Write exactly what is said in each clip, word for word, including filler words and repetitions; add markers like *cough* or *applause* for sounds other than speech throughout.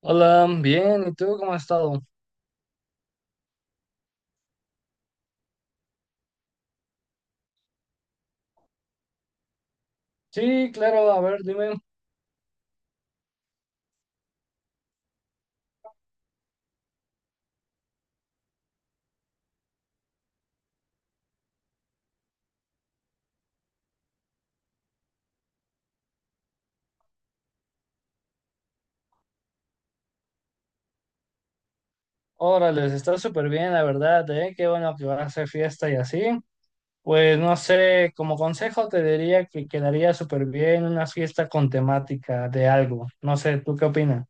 Hola, bien, ¿y tú cómo has estado? Sí, claro, a ver, dime. Órale, está súper bien, la verdad, ¿eh? Qué bueno que vas a hacer fiesta y así. Pues no sé, como consejo te diría que quedaría súper bien una fiesta con temática de algo. No sé, ¿tú qué opinas?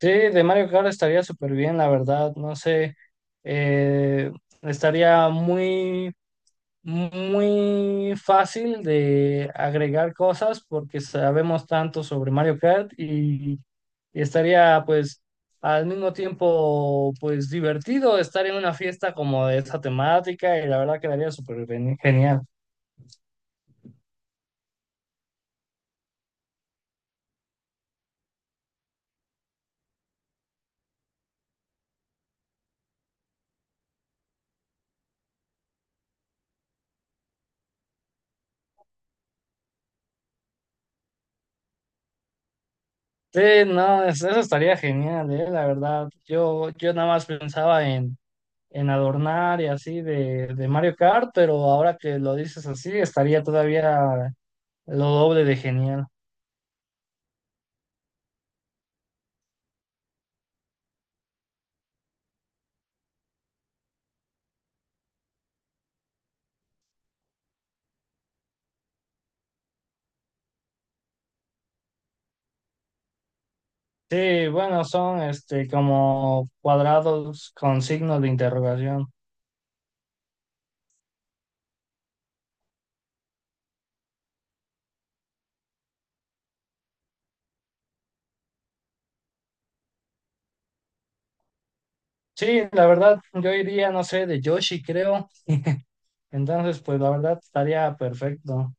Sí, de Mario Kart estaría súper bien, la verdad, no sé. eh, Estaría muy muy fácil de agregar cosas porque sabemos tanto sobre Mario Kart y, y estaría pues al mismo tiempo pues divertido estar en una fiesta como de esta temática y la verdad quedaría súper geni- genial. Sí, no, es- eso estaría genial, eh, la verdad. Yo, yo nada más pensaba en, en, adornar y así de, de Mario Kart, pero ahora que lo dices así, estaría todavía lo doble de genial. Sí, bueno, son este como cuadrados con signos de interrogación. Sí, la verdad, yo iría, no sé, de Yoshi, creo. Entonces, pues la verdad estaría perfecto.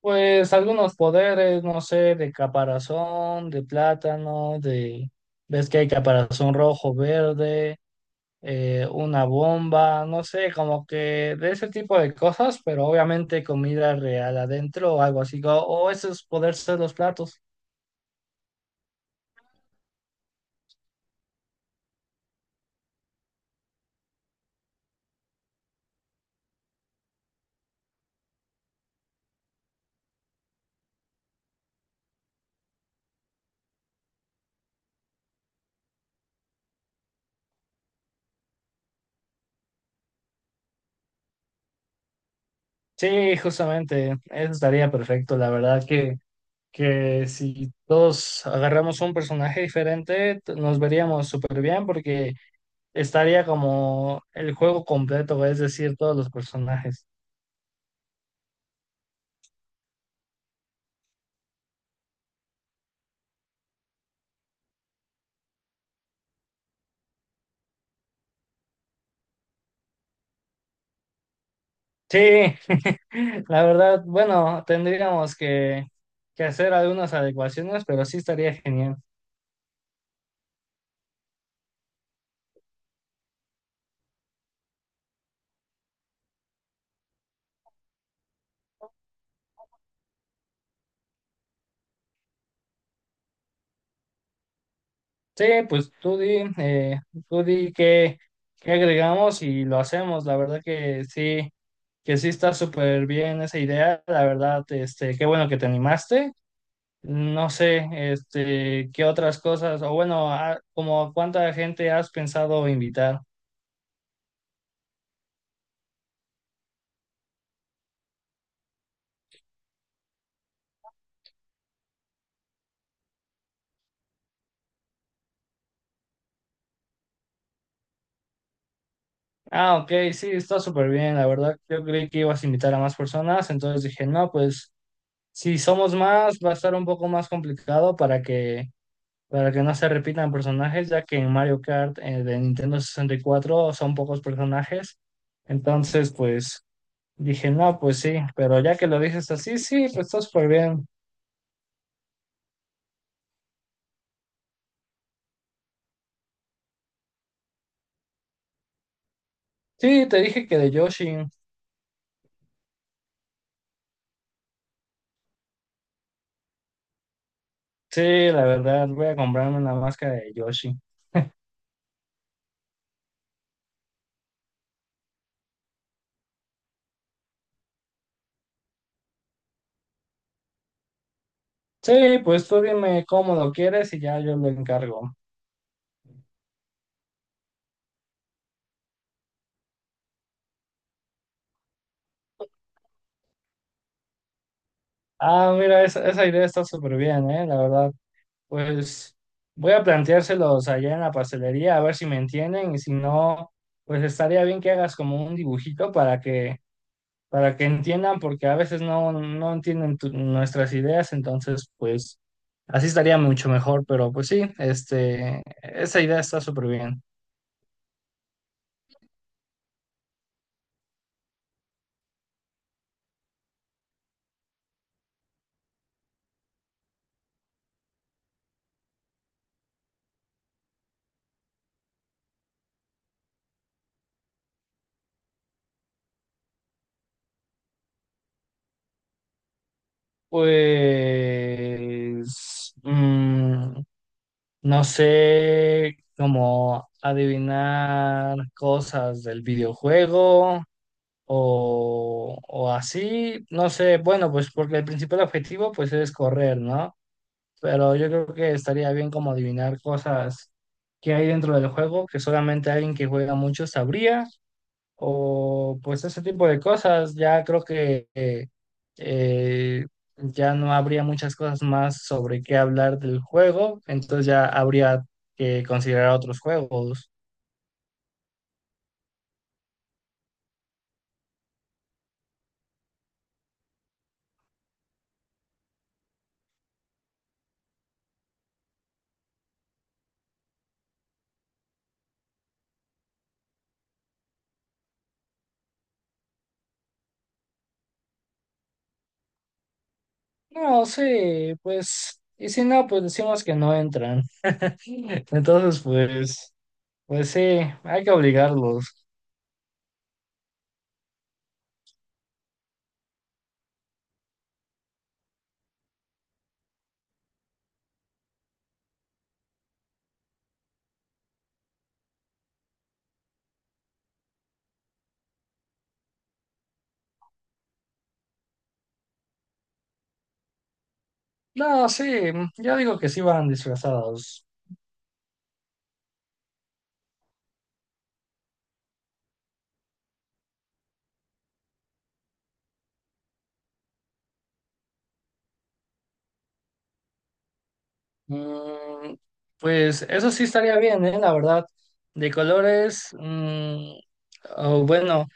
Pues algunos poderes, no sé, de caparazón, de plátano, de... Ves que hay caparazón rojo, verde, eh, una bomba, no sé, como que de ese tipo de cosas, pero obviamente comida real adentro o algo así, o, o esos poderes de los platos. Sí, justamente, eso estaría perfecto. La verdad que, que si todos agarramos un personaje diferente, t- nos veríamos súper bien porque estaría como el juego completo, es decir, todos los personajes. Sí, *laughs* la verdad, bueno, tendríamos que, que hacer algunas adecuaciones, pero sí estaría genial. Sí, pues tú di, eh, tú di qué, qué, agregamos y lo hacemos. La verdad que sí, que sí está súper bien esa idea. La verdad, este, qué bueno que te animaste. No sé, este, qué otras cosas, o bueno, ah, como cuánta gente has pensado invitar. Ah, ok, sí, está súper bien. La verdad, yo creí que ibas a invitar a más personas, entonces dije, no, pues si somos más, va a estar un poco más complicado para que para que no se repitan personajes, ya que en Mario Kart eh, de Nintendo sesenta y cuatro son pocos personajes. Entonces, pues dije, no, pues sí, pero ya que lo dices así, sí, pues está súper bien. Sí, te dije que de Yoshi. Sí, la verdad, voy a comprarme una máscara de Yoshi. Sí, pues tú dime cómo lo quieres y ya yo lo encargo. Ah, mira, esa, esa idea está súper bien, ¿eh? La verdad. Pues voy a planteárselos allá en la pastelería a ver si me entienden y si no, pues estaría bien que hagas como un dibujito para que para que entiendan porque a veces no no entienden tu- nuestras ideas, entonces pues así estaría mucho mejor, pero pues sí, este esa idea está súper bien. Pues mm, no sé cómo adivinar cosas del videojuego o, o así, no sé, bueno, pues porque el principal objetivo pues es correr, ¿no? Pero yo creo que estaría bien como adivinar cosas que hay dentro del juego que solamente alguien que juega mucho sabría, o pues ese tipo de cosas, ya creo que eh, eh, ya no habría muchas cosas más sobre qué hablar del juego, entonces ya habría que considerar otros juegos. No, sí, pues, y si no, pues decimos que no entran. Entonces, pues, pues sí, hay que obligarlos. No, sí, yo digo que sí van disfrazados. Mm, pues eso sí estaría bien, ¿eh? La verdad. De colores, mm, o bueno,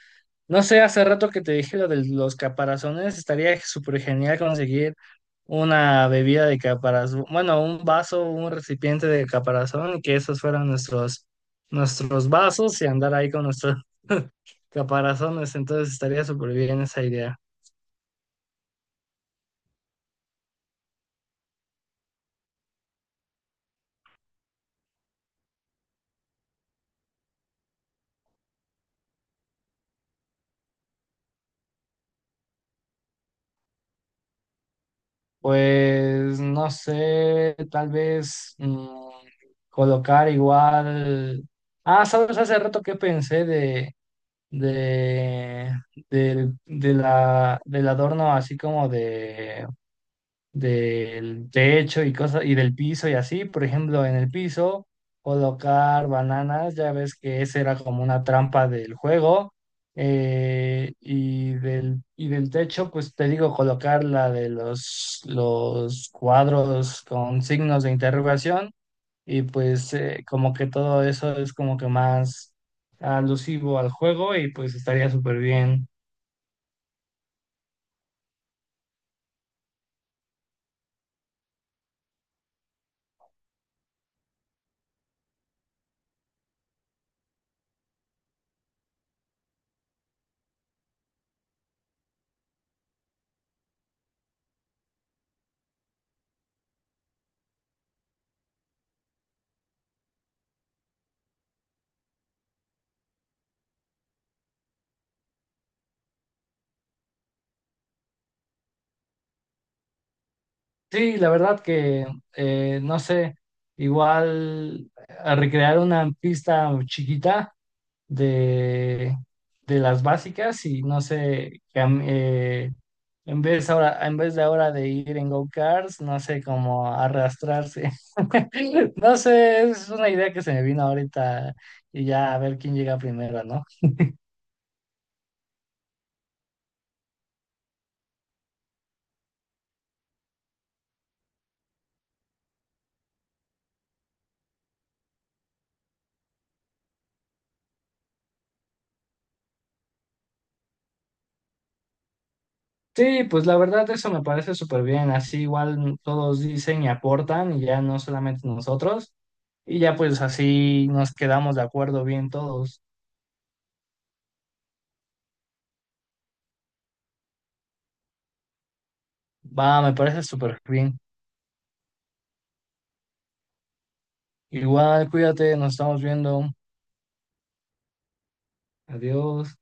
no sé, hace rato que te dije lo de los caparazones, estaría súper genial conseguir una bebida de caparazón, bueno, un vaso, un recipiente de caparazón, y que esos fueran nuestros, nuestros vasos y andar ahí con nuestros caparazones, entonces estaría súper bien esa idea. Pues no sé, tal vez mm, colocar igual. Ah, sabes, hace rato que pensé de, de, del- de la, del adorno así como de del techo y cosas y del piso y así, por ejemplo, en el piso colocar bananas, ya ves que esa era como una trampa del juego eh, y del y del techo, pues te digo colocar la de los los cuadros con signos de interrogación y pues eh, como que todo eso es como que más alusivo al juego y pues estaría súper bien. Sí, la verdad que, eh, no sé, igual a recrear una pista chiquita de, de las básicas y no sé, cam- eh, en vez ahora, en vez de ahora de ir en go-karts, no sé, como arrastrarse. *laughs* No sé, es una idea que se me vino ahorita y ya a ver quién llega primero, ¿no? Sí, pues la verdad eso me parece súper bien, así igual todos dicen y aportan y ya no solamente nosotros y ya pues así nos quedamos de acuerdo bien todos. Va, me parece súper bien. Igual, cuídate, nos estamos viendo. Adiós.